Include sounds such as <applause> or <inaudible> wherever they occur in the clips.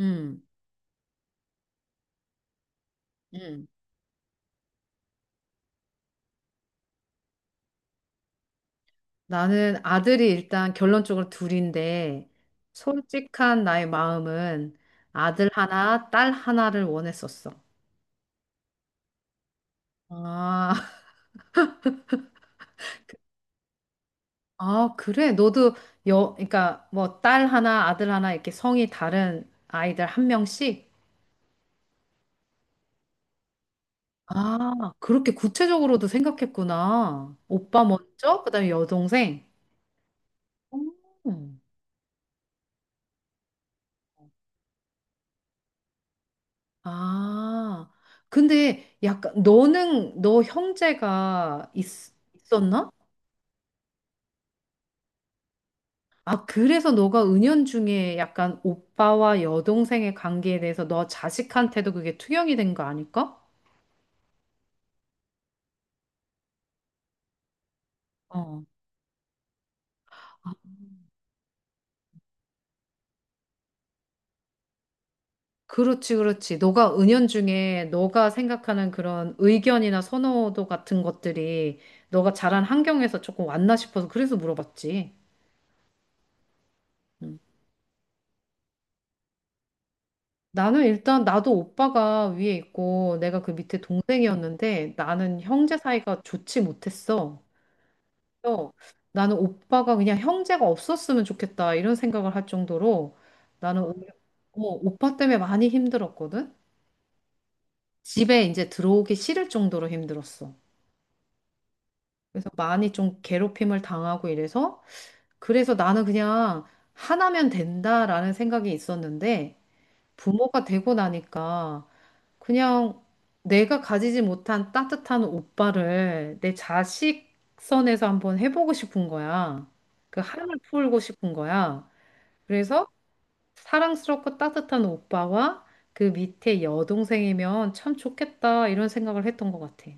음, 음. 나는 아들이 일단 결론적으로 둘인데, 솔직한 나의 마음은 아들 하나, 딸 하나를 원했었어. 아, <laughs> 아, 그래. 너도 그러니까 뭐 딸 하나, 아들 하나 이렇게 성이 다른 아이들 한 명씩? 아, 그렇게 구체적으로도 생각했구나. 오빠 먼저, 그다음에 여동생. 오. 아, 근데 약간 너는 너 있었나? 아, 그래서 너가 은연중에 약간 오빠와 여동생의 관계에 대해서 너 자식한테도 그게 투영이 된 거 아닐까? 어. 아, 그렇지, 그렇지. 너가 은연중에 너가 생각하는 그런 의견이나 선호도 같은 것들이 너가 자란 환경에서 조금 왔나 싶어서 그래서 물어봤지. 음. 나는 일단 나도 오빠가 위에 있고 내가 그 밑에 동생이었는데 나는 형제 사이가 좋지 못했어. 그래서 나는 오빠가 그냥 형제가 없었으면 좋겠다 이런 생각을 할 정도로 나는 오빠 때문에 많이 힘들었거든. 집에 이제 들어오기 싫을 정도로 힘들었어. 그래서 많이 좀 괴롭힘을 당하고 이래서 그래서 나는 그냥 하나면 된다라는 생각이 있었는데 부모가 되고 나니까 그냥 내가 가지지 못한 따뜻한 오빠를 내 자식 선에서 한번 해보고 싶은 거야. 그 한을 풀고 싶은 거야. 그래서 사랑스럽고 따뜻한 오빠와 그 밑에 여동생이면 참 좋겠다 이런 생각을 했던 것 같아.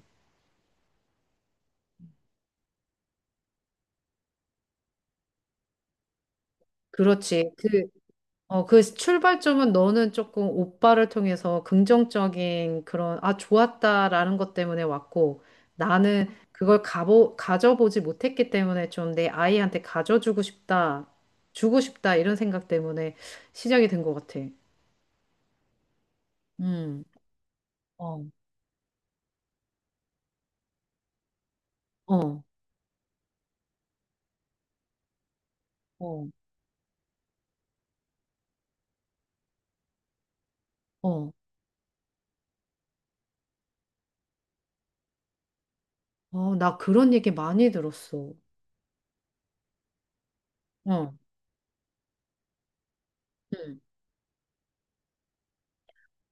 그렇지. 그 어, 그 출발점은 너는 조금 오빠를 통해서 긍정적인 그런, 아, 좋았다라는 것 때문에 왔고, 나는 그걸 가져보지 못했기 때문에 좀 내 아이한테 가져주고 싶다, 주고 싶다, 이런 생각 때문에 시작이 된 것 같아. 음, 어, 어, 어, 어, 어, 나 그런 얘기 많이 들었어. 어, 음,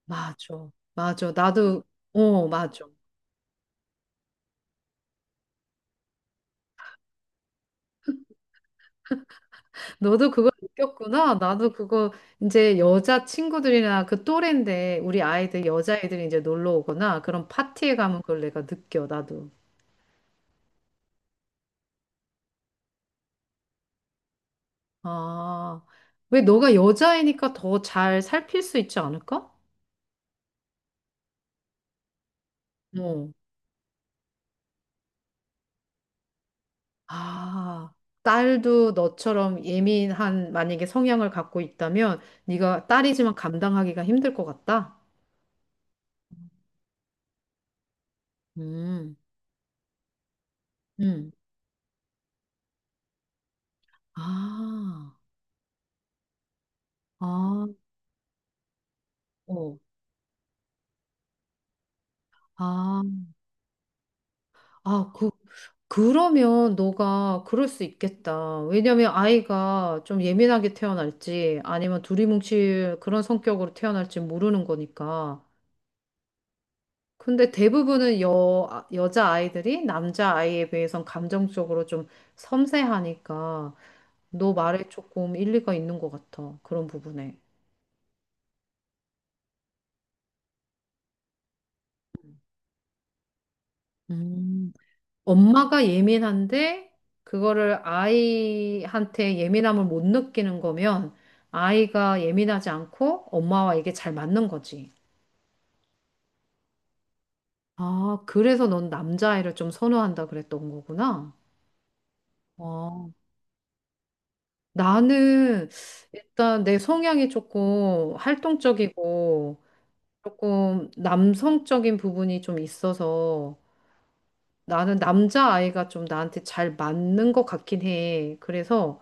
맞아, 맞아. 나도, 어, 맞아. 너도 그걸 느꼈구나. 나도 그거 이제 여자 친구들이나 그 또래인데 우리 아이들 여자애들이 이제 놀러 오거나 그런 파티에 가면 그걸 내가 느껴. 나도. 아, 왜 너가 여자애니까 더 잘 살필 수 있지 않을까? 어. 아, 딸도 너처럼 예민한 만약에 성향을 갖고 있다면 네가 딸이지만 감당하기가 힘들 것 같다. 음. 음. 아. 아. 어. 아. 아, 그러면 너가 그럴 수 있겠다. 왜냐면 아이가 좀 예민하게 태어날지 아니면 두리뭉칠 그런 성격으로 태어날지 모르는 거니까. 근데 대부분은 여자 아이들이 남자 아이에 비해선 감정적으로 좀 섬세하니까 너 말에 조금 일리가 있는 것 같아. 그런 부분에. 음. 엄마가 예민한데 그거를 아이한테 예민함을 못 느끼는 거면 아이가 예민하지 않고 엄마와 이게 잘 맞는 거지. 아, 그래서 넌 남자아이를 좀 선호한다 그랬던 거구나. 어, 나는 일단 내 성향이 조금 활동적이고 조금 남성적인 부분이 좀 있어서 나는 남자아이가 좀 나한테 잘 맞는 것 같긴 해. 그래서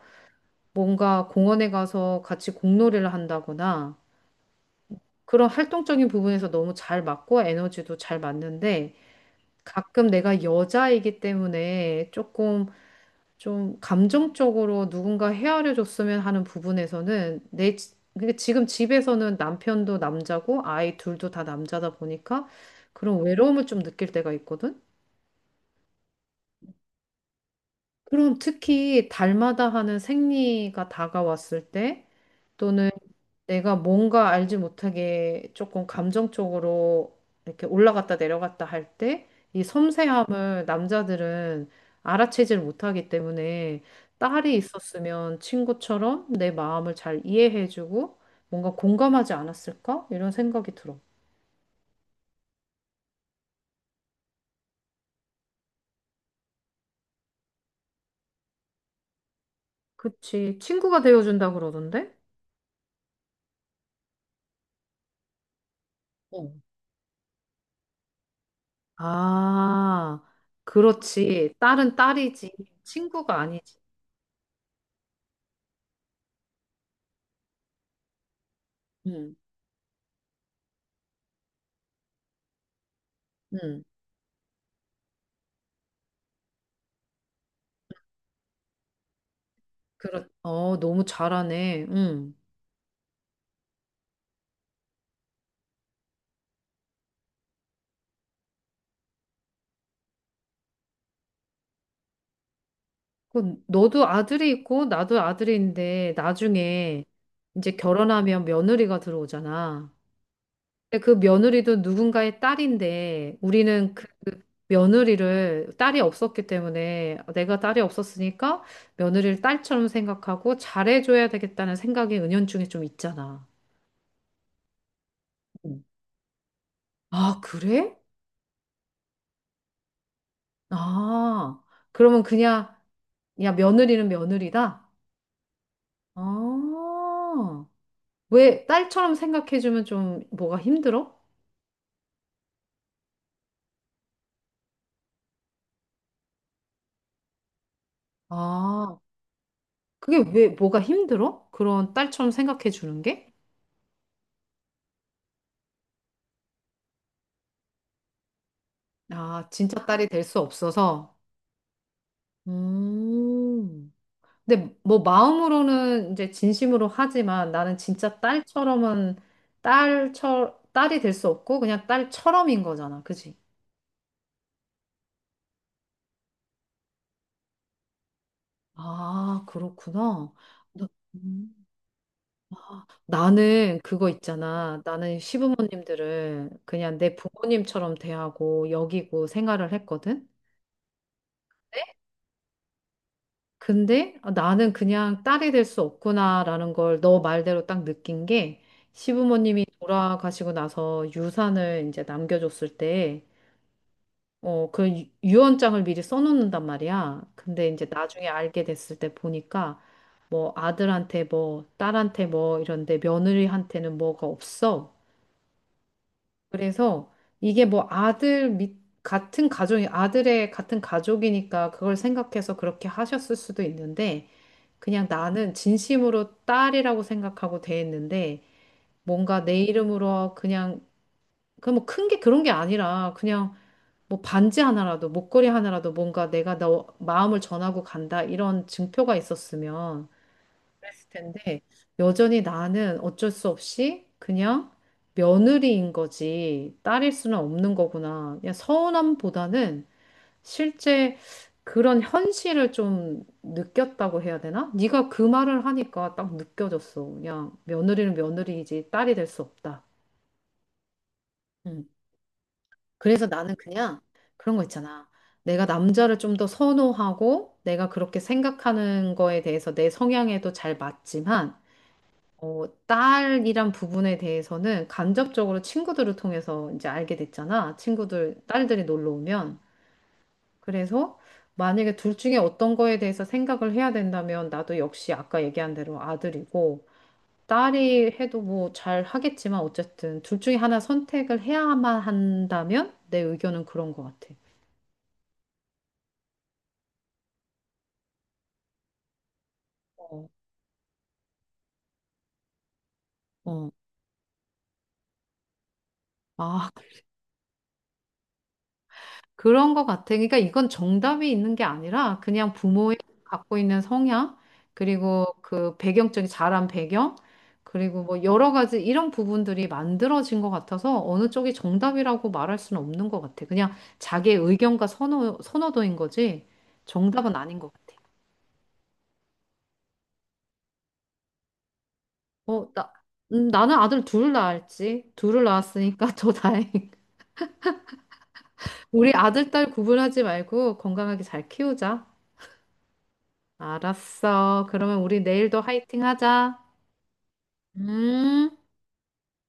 뭔가 공원에 가서 같이 공놀이를 한다거나 그런 활동적인 부분에서 너무 잘 맞고 에너지도 잘 맞는데 가끔 내가 여자이기 때문에 조금 좀 감정적으로 누군가 헤아려 줬으면 하는 부분에서는 그러니까 지금 집에서는 남편도 남자고 아이 둘도 다 남자다 보니까 그런 외로움을 좀 느낄 때가 있거든. 그럼 특히 달마다 하는 생리가 다가왔을 때 또는 내가 뭔가 알지 못하게 조금 감정적으로 이렇게 올라갔다 내려갔다 할 때 이 섬세함을 남자들은 알아채질 못하기 때문에 딸이 있었으면 친구처럼 내 마음을 잘 이해해주고 뭔가 공감하지 않았을까? 이런 생각이 들어. 그치. 친구가 되어준다 그러던데? 어. 아, 그렇지. 딸은 딸이지. 친구가 아니지. 응, 응. 어, 너무 잘하네. 응. 그 너도 아들이 있고 나도 아들인데 나중에 이제 결혼하면 며느리가 들어오잖아. 근데 그 며느리도 누군가의 딸인데 우리는 그 며느리를 딸이 없었기 때문에 내가 딸이 없었으니까 며느리를 딸처럼 생각하고 잘해줘야 되겠다는 생각이 은연중에 좀 있잖아. 음. 아, 그래? 아, 그러면 그냥, 야, 며느리는 며느리다? 아, 왜 딸처럼 생각해주면 좀 뭐가 힘들어? 아, 그게 왜 뭐가 힘들어? 그런 딸처럼 생각해주는 게? 아, 진짜 딸이 될 수 없어서. 음. 근데 뭐 마음으로는 이제 진심으로 하지만 나는 진짜 딸처럼은 딸처 딸이 될 수 없고 그냥 딸처럼인 거잖아. 그지? 아, 그렇구나. 너- 음. 나는 그거 있잖아. 나는 시부모님들을 그냥 내 부모님처럼 대하고 여기고 생활을 했거든. 네? 근데 어, 나는 그냥 딸이 될 수 없구나라는 걸 너 말대로 딱 느낀 게 시부모님이 돌아가시고 나서 유산을 이제 남겨줬을 때 어, 유언장을 미리 써놓는단 말이야. 근데 이제 나중에 알게 됐을 때 보니까 뭐 아들한테 뭐 딸한테 뭐 이런데 며느리한테는 뭐가 없어. 그래서 이게 뭐 아들 밑 같은 가족이 아들의 같은 가족이니까 그걸 생각해서 그렇게 하셨을 수도 있는데 그냥 나는 진심으로 딸이라고 생각하고 대했는데 뭔가 내 이름으로 그냥 그 뭐 큰 게 그런 게 아니라 그냥 뭐 반지 하나라도 목걸이 하나라도 뭔가 내가 너 마음을 전하고 간다 이런 증표가 있었으면 그랬을 텐데 여전히 나는 어쩔 수 없이 그냥 며느리인 거지 딸일 수는 없는 거구나. 그냥 서운함보다는 실제 그런 현실을 좀 느꼈다고 해야 되나? 네가 그 말을 하니까 딱 느껴졌어. 그냥 며느리는 며느리이지 딸이 될 수 없다. 음. 그래서 나는 그냥 그런 거 있잖아. 내가 남자를 좀 더 선호하고 내가 그렇게 생각하는 거에 대해서 내 성향에도 잘 맞지만 어, 딸이란 부분에 대해서는 간접적으로 친구들을 통해서 이제 알게 됐잖아. 친구들, 딸들이 놀러 오면. 그래서 만약에 둘 중에 어떤 거에 대해서 생각을 해야 된다면 나도 역시 아까 얘기한 대로 아들이고 딸이 해도 뭐 잘 하겠지만 어쨌든 둘 중에 하나 선택을 해야만 한다면 내 의견은 그런 것 같아. 어. 어. 아, 그런 것 같아. 그러니까 이건 정답이 있는 게 아니라 그냥 부모의 갖고 있는 성향, 그리고 그 배경적인 자란 배경, 그리고 뭐 여러 가지 이런 부분들이 만들어진 것 같아서 어느 쪽이 정답이라고 말할 수는 없는 것 같아. 그냥 자기의 의견과 선호도인 거지 정답은 아닌 것 같아. 어, 나, 나는 아들 둘 낳았지. 둘을 낳았으니까 <laughs> 더 다행. 우리 아들, 딸 구분하지 말고 건강하게 잘 키우자. 알았어. 그러면 우리 내일도 화이팅 하자. 음.